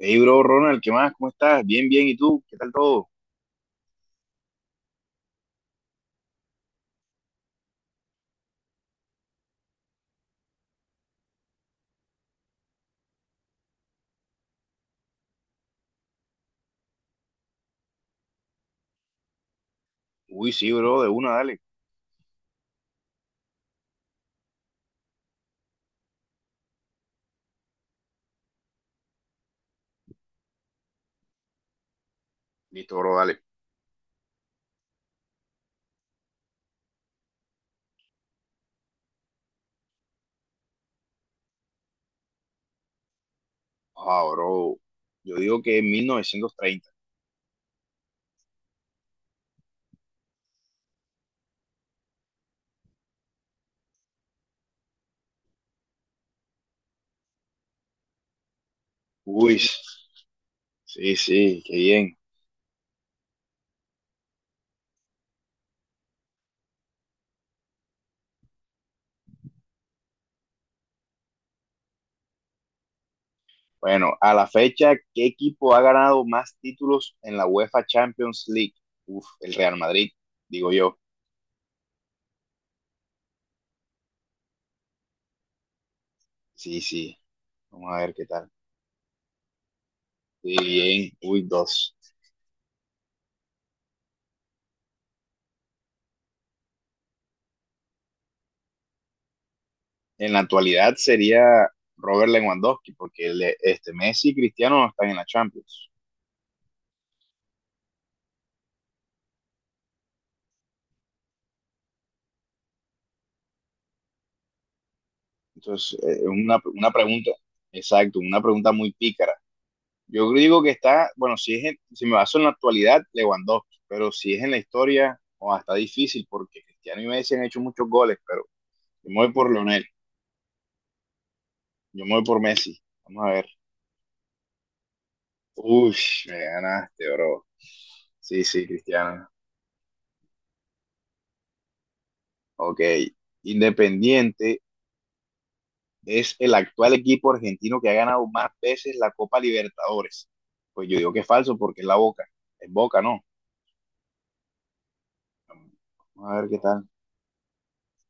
Hey, bro, Ronald, ¿qué más? ¿Cómo estás? Bien, bien. ¿Y tú? ¿Qué tal todo? Uy, sí, bro, de una, dale. Listo, bro, dale. Ah, bro, yo digo que en 1930. Uy, sí, sí, qué bien. Bueno, a la fecha, ¿qué equipo ha ganado más títulos en la UEFA Champions League? Uf, el Real Madrid, digo yo. Sí, sí. Vamos a ver qué tal. Sí, bien. Uy, dos. En la actualidad sería Robert Lewandowski, porque este Messi y Cristiano no están en la Champions. Entonces, es una pregunta, exacto, una pregunta muy pícara. Yo digo que está, bueno, si me baso en la actualidad, Lewandowski, pero si es en la historia, o está difícil porque Cristiano y Messi han hecho muchos goles, pero yo me voy por Lionel, yo me voy por Messi. Vamos a ver. Uy, me ganaste, bro. Sí, sí, Cristiano. Ok. Independiente es el actual equipo argentino que ha ganado más veces la Copa Libertadores. Pues yo digo que es falso porque es la Boca. Es Boca, ¿no? Vamos a ver qué tal.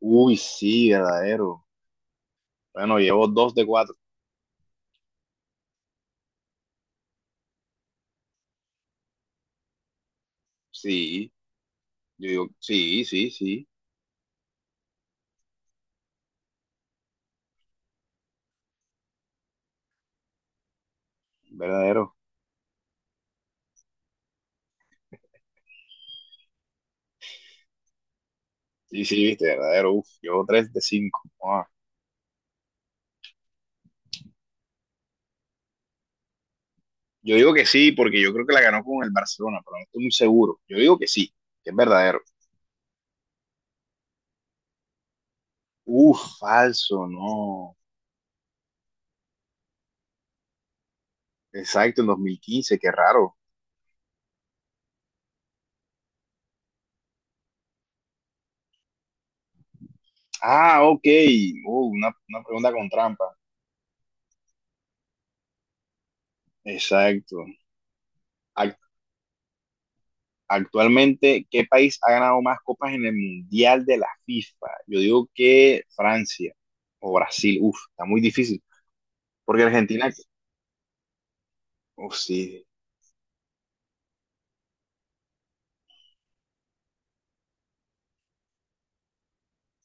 Uy, sí, verdadero. Bueno, llevo dos de cuatro. Sí, yo digo, sí, sí, sí, verdadero. Sí, sí, viste, verdadero. Uf, llevo tres de cinco. Ah, yo digo que sí, porque yo creo que la ganó con el Barcelona, pero no estoy muy seguro. Yo digo que sí, que es verdadero. Uf, falso, no. Exacto, en 2015, qué raro. Ah, ok. Una pregunta con trampa. Exacto. Actualmente, ¿qué país ha ganado más copas en el Mundial de la FIFA? Yo digo que Francia o Brasil. Uf, está muy difícil. Porque Argentina, uf, sí,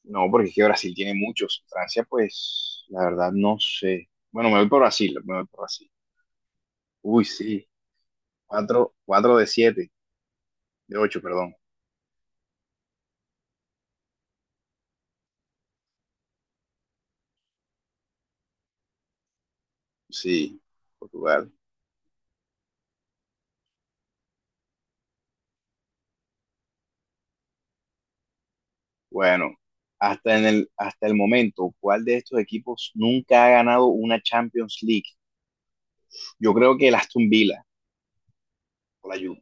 no, porque es que Brasil tiene muchos. Francia, pues, la verdad, no sé. Bueno, me voy por Brasil, me voy por Brasil. Uy, sí. Cuatro, cuatro de siete, de ocho, perdón. Sí, Portugal. Bueno, hasta el momento, ¿cuál de estos equipos nunca ha ganado una Champions League? Yo creo que el Aston Villa o la Juve.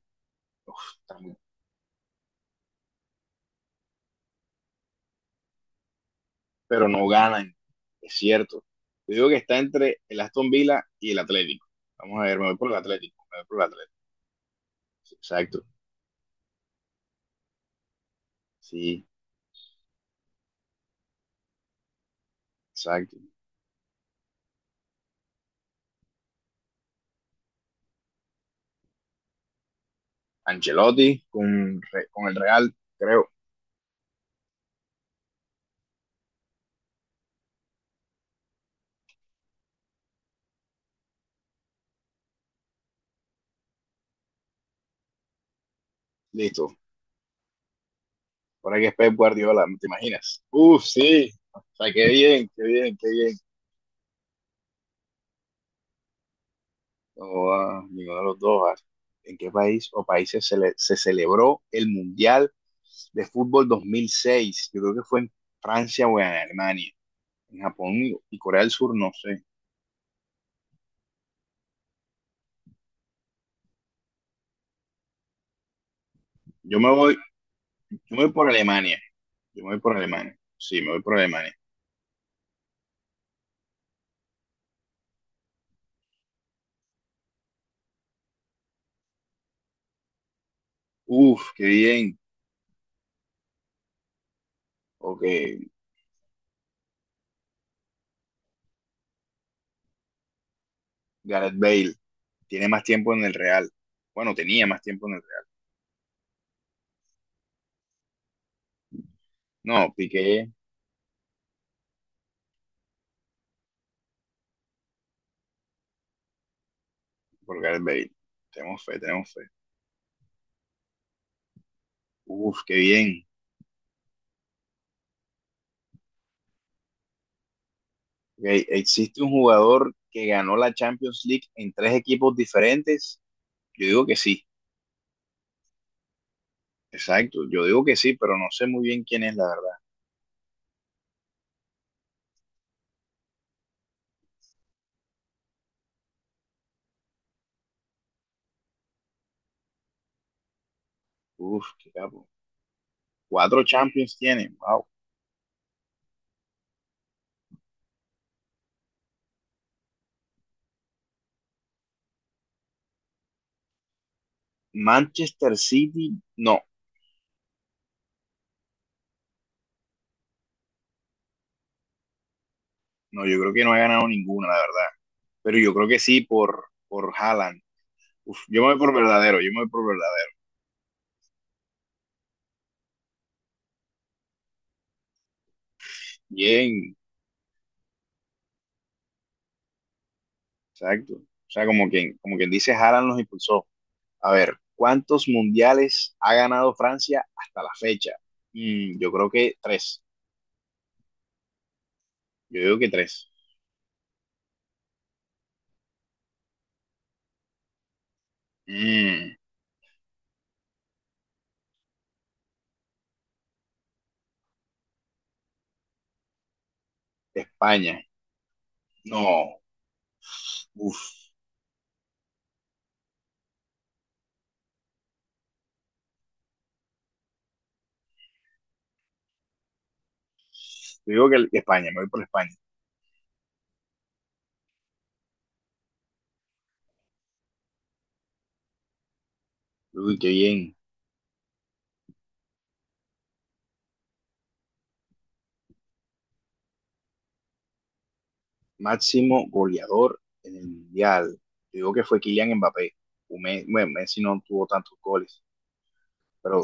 Uf, pero no ganan, es cierto. Yo digo que está entre el Aston Villa y el Atlético. Vamos a ver, me voy por el Atlético, me voy por el Atlético. Sí, exacto, sí, exacto. Ancelotti con el Real, creo. Listo. Ahora que es Pep Guardiola, ¿te imaginas? Uf, sí. O sea, qué bien, qué bien, qué bien. No, ah, ninguno de los dos. Ah. ¿En qué país o países se celebró el Mundial de Fútbol 2006? Yo creo que fue en Francia o en Alemania. En Japón y Corea del Sur, no sé. Yo me voy, yo me voy por Alemania. Yo me voy por Alemania. Sí, me voy por Alemania. Uf, qué bien. Ok, Gareth Bale tiene más tiempo en el Real. Bueno, tenía más tiempo en el Real. No, Piqué por Gareth Bale. Tenemos fe, tenemos fe. Uf, qué bien. Ok, ¿existe un jugador que ganó la Champions League en tres equipos diferentes? Yo digo que sí. Exacto, yo digo que sí, pero no sé muy bien quién es la verdad. Uf, qué capo. Cuatro Champions tiene. Wow. Manchester City, no, no, yo creo que no ha ganado ninguna, la verdad. Pero yo creo que sí por Haaland. Uf, yo me voy por verdadero, yo me voy por verdadero. Bien, exacto. O sea, como quien dice, Haaland los impulsó. A ver, ¿cuántos mundiales ha ganado Francia hasta la fecha? Yo creo que tres. Yo digo que tres. Mm, España, no. Uf, yo digo que España, me voy por España. Uy, qué bien. Máximo goleador en el Mundial. Yo digo que fue Kylian Mbappé. Messi, bueno, Messi no tuvo tantos goles, pero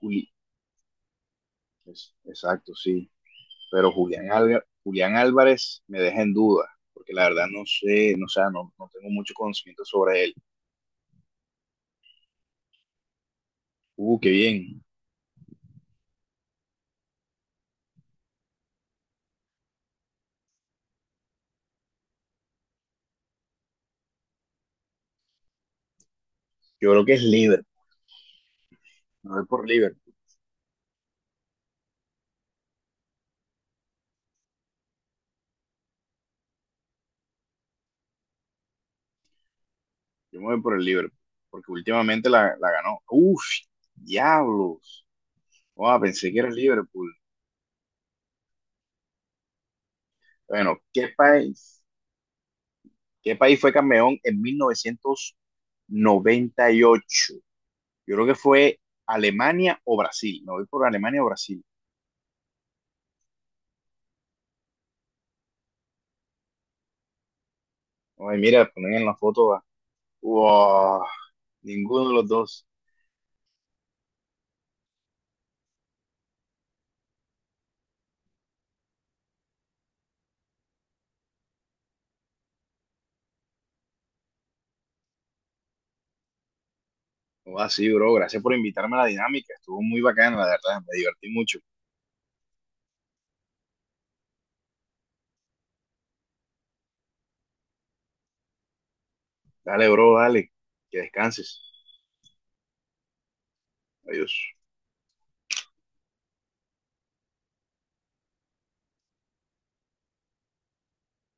Juli, es, exacto, sí. Pero Julián Álvarez me deja en duda, porque la verdad no sé, no, o sea, no, no tengo mucho conocimiento sobre él. Qué bien. Yo creo que es Liverpool. Me voy por Liverpool. Yo me voy por el Liverpool, porque últimamente la ganó. Uf, diablos. Oh, pensé que era el Liverpool. Bueno, ¿Qué país fue campeón en 1998? Yo creo que fue Alemania o Brasil. Me voy por Alemania o Brasil. Ay, mira, ponen en la foto. Ah. Wow, ninguno de los dos. Así, bro. Gracias por invitarme a la dinámica. Estuvo muy bacana, la verdad. Me divertí mucho. Dale, bro, dale. Que descanses. Adiós.